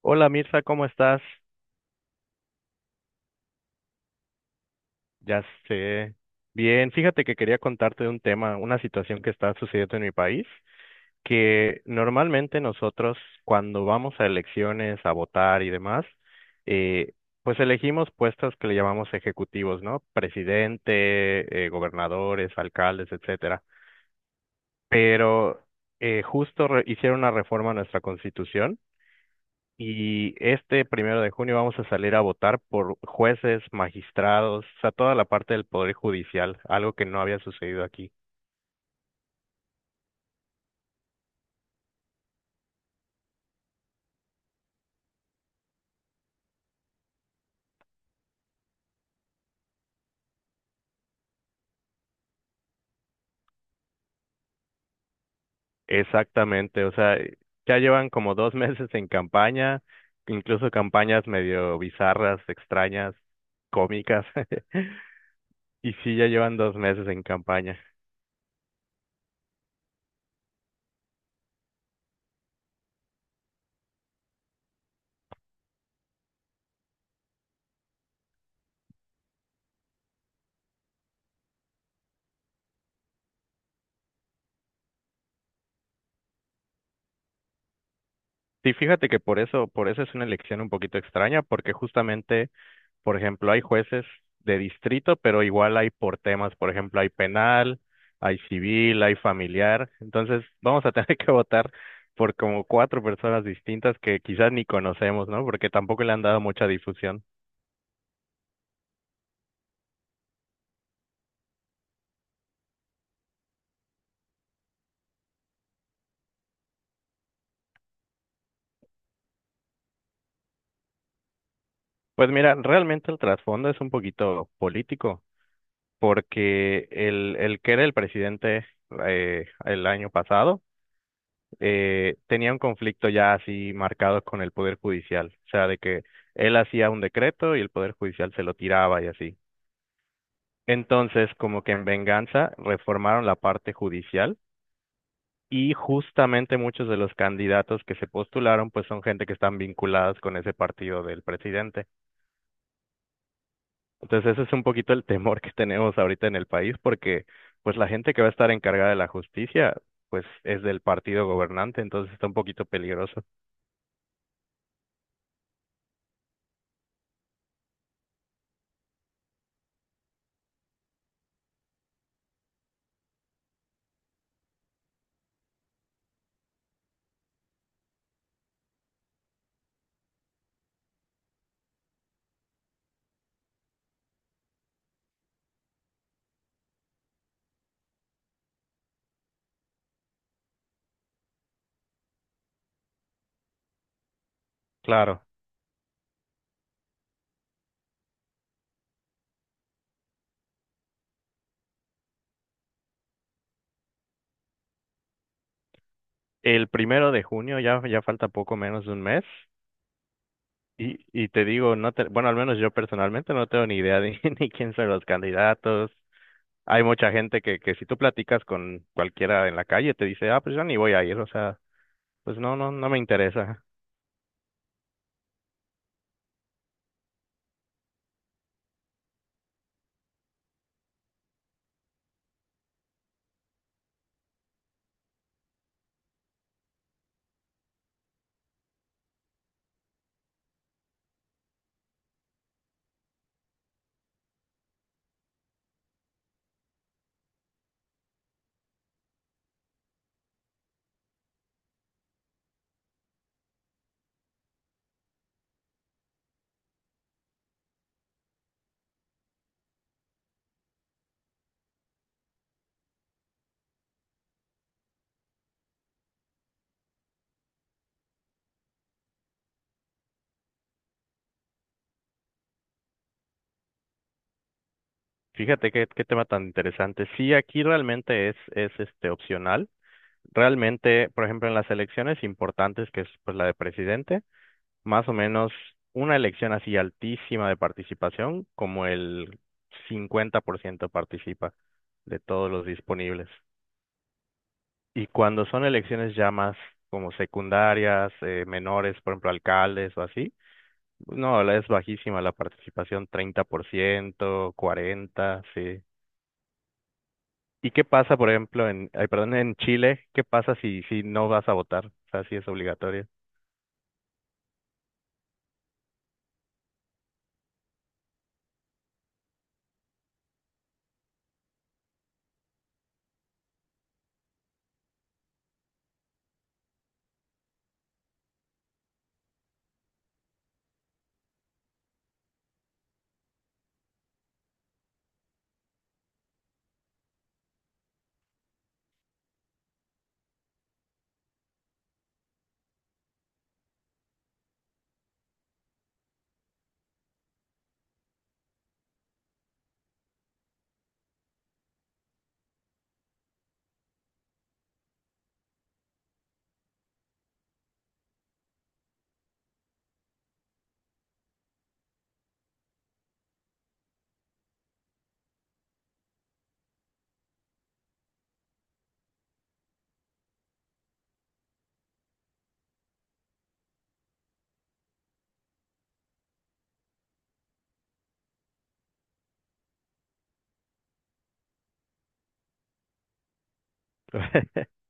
Hola Mirza, ¿cómo estás? Ya sé. Bien, fíjate que quería contarte de un tema, una situación que está sucediendo en mi país, que normalmente nosotros cuando vamos a elecciones, a votar y demás, eh, pues elegimos puestos que le llamamos ejecutivos, ¿no? Presidente, gobernadores, alcaldes, etcétera. Pero justo hicieron una reforma a nuestra constitución. Y este 1 de junio vamos a salir a votar por jueces, magistrados, o sea, toda la parte del Poder Judicial, algo que no había sucedido aquí. Exactamente, o sea, ya llevan como dos meses en campaña, incluso campañas medio bizarras, extrañas, cómicas, y sí, ya llevan 2 meses en campaña. Sí, fíjate que por eso es una elección un poquito extraña, porque justamente. Por ejemplo, hay jueces de distrito, pero igual hay por temas, por ejemplo, hay penal, hay civil, hay familiar. Entonces, vamos a tener que votar por como cuatro personas distintas que quizás ni conocemos, ¿no? Porque tampoco le han dado mucha difusión. Pues mira, realmente el trasfondo es un poquito político, porque el que era el presidente el año pasado, tenía un conflicto ya así marcado con el Poder Judicial, o sea, de que él hacía un decreto y el Poder Judicial se lo tiraba y así. Entonces, como que en venganza, reformaron la parte judicial y justamente muchos de los candidatos que se postularon, pues son gente que están vinculadas con ese partido del presidente. Entonces, ese es un poquito el temor que tenemos ahorita en el país porque, pues, la gente que va a estar encargada de la justicia, pues, es del partido gobernante, entonces está un poquito peligroso. Claro. El 1 de junio ya, ya falta poco menos de un mes. Y te digo, no te, bueno, al menos yo personalmente no tengo ni idea de ni quién son los candidatos. Hay mucha gente que si tú platicas con cualquiera en la calle te dice, ah, pues yo ni voy a ir, o sea, pues no, no, no me interesa. Fíjate qué tema tan interesante. Sí, aquí realmente es este opcional. Realmente, por ejemplo, en las elecciones importantes, que es pues la de presidente, más o menos una elección así altísima de participación, como el 50% participa de todos los disponibles. Y cuando son elecciones ya más como secundarias, menores, por ejemplo, alcaldes o así, no, es bajísima la participación, 30%, 40%, sí. ¿Y qué pasa, por ejemplo, en, ay, perdón, en Chile? ¿Qué pasa si no vas a votar? O sea, si es obligatorio.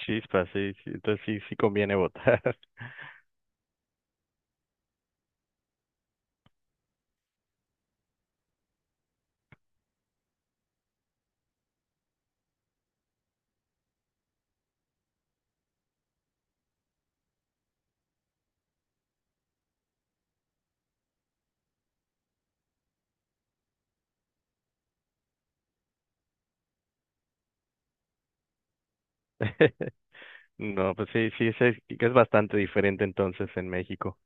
Chispa, sí, sí, entonces sí, sí conviene votar. No, pues sí, sí, sí, que es bastante diferente entonces en México.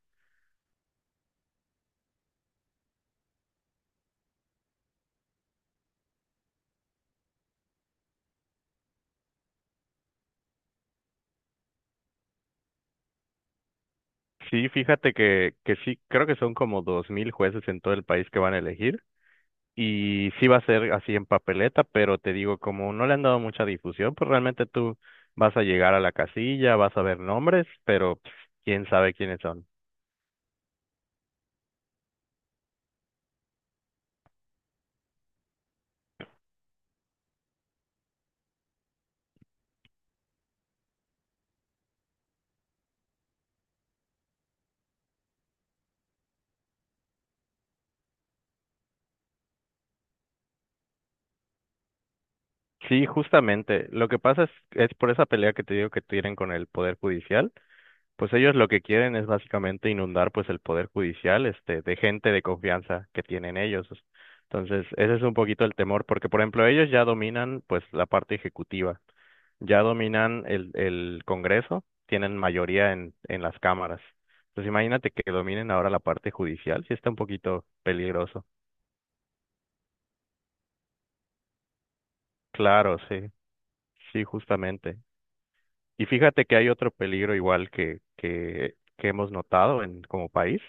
Sí, fíjate que sí, creo que son como 2.000 jueces en todo el país que van a elegir y sí va a ser así en papeleta, pero te digo, como no le han dado mucha difusión, pues realmente tú vas a llegar a la casilla, vas a ver nombres, pero pues, quién sabe quiénes son. Sí, justamente, lo que pasa es por esa pelea que te digo que tienen con el Poder Judicial. Pues ellos lo que quieren es básicamente inundar pues el poder judicial este de gente de confianza que tienen ellos. Entonces, ese es un poquito el temor, porque por ejemplo, ellos ya dominan pues la parte ejecutiva, ya dominan el Congreso, tienen mayoría en las cámaras. Entonces, imagínate que dominen ahora la parte judicial, sí está un poquito peligroso. Claro, sí, sí, justamente. Y fíjate que hay otro peligro igual que hemos notado en como país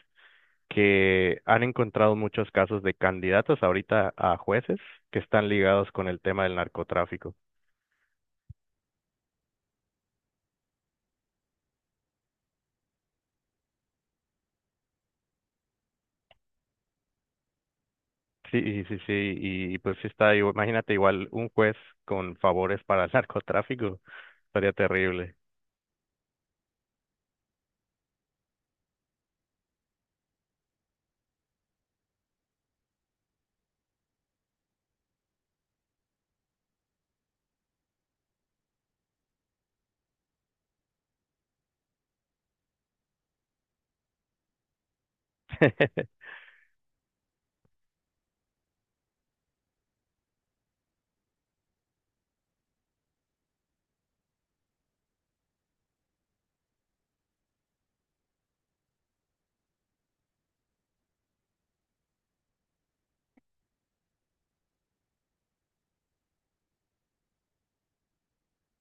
que han encontrado muchos casos de candidatos ahorita a jueces que están ligados con el tema del narcotráfico. Sí, sí, sí, y pues sí está, imagínate igual un juez con favores para el narcotráfico, sería terrible.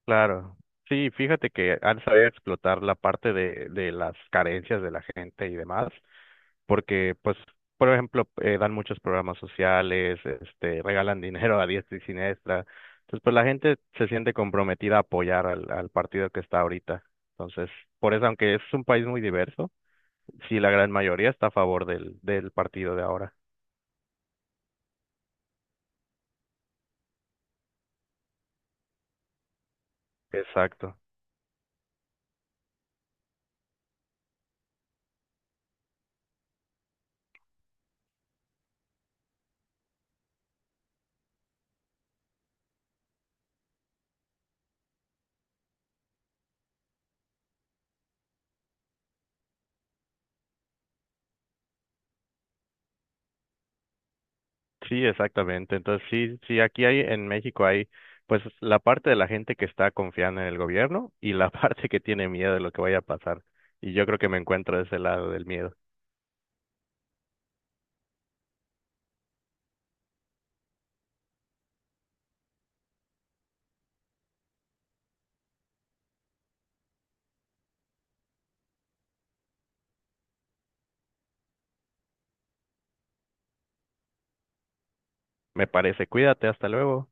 Claro. Sí, fíjate que han sabido explotar la parte de las carencias de la gente y demás, porque pues, por ejemplo, dan muchos programas sociales, este, regalan dinero a diestra y siniestra. Entonces, pues la gente se siente comprometida a apoyar al partido que está ahorita. Entonces, por eso, aunque es un país muy diverso, sí, la gran mayoría está a favor del partido de ahora. Exacto. Sí, exactamente. Entonces, sí, sí, aquí hay en México hay pues la parte de la gente que está confiando en el gobierno y la parte que tiene miedo de lo que vaya a pasar. Y yo creo que me encuentro de ese lado del miedo. Me parece, cuídate, hasta luego.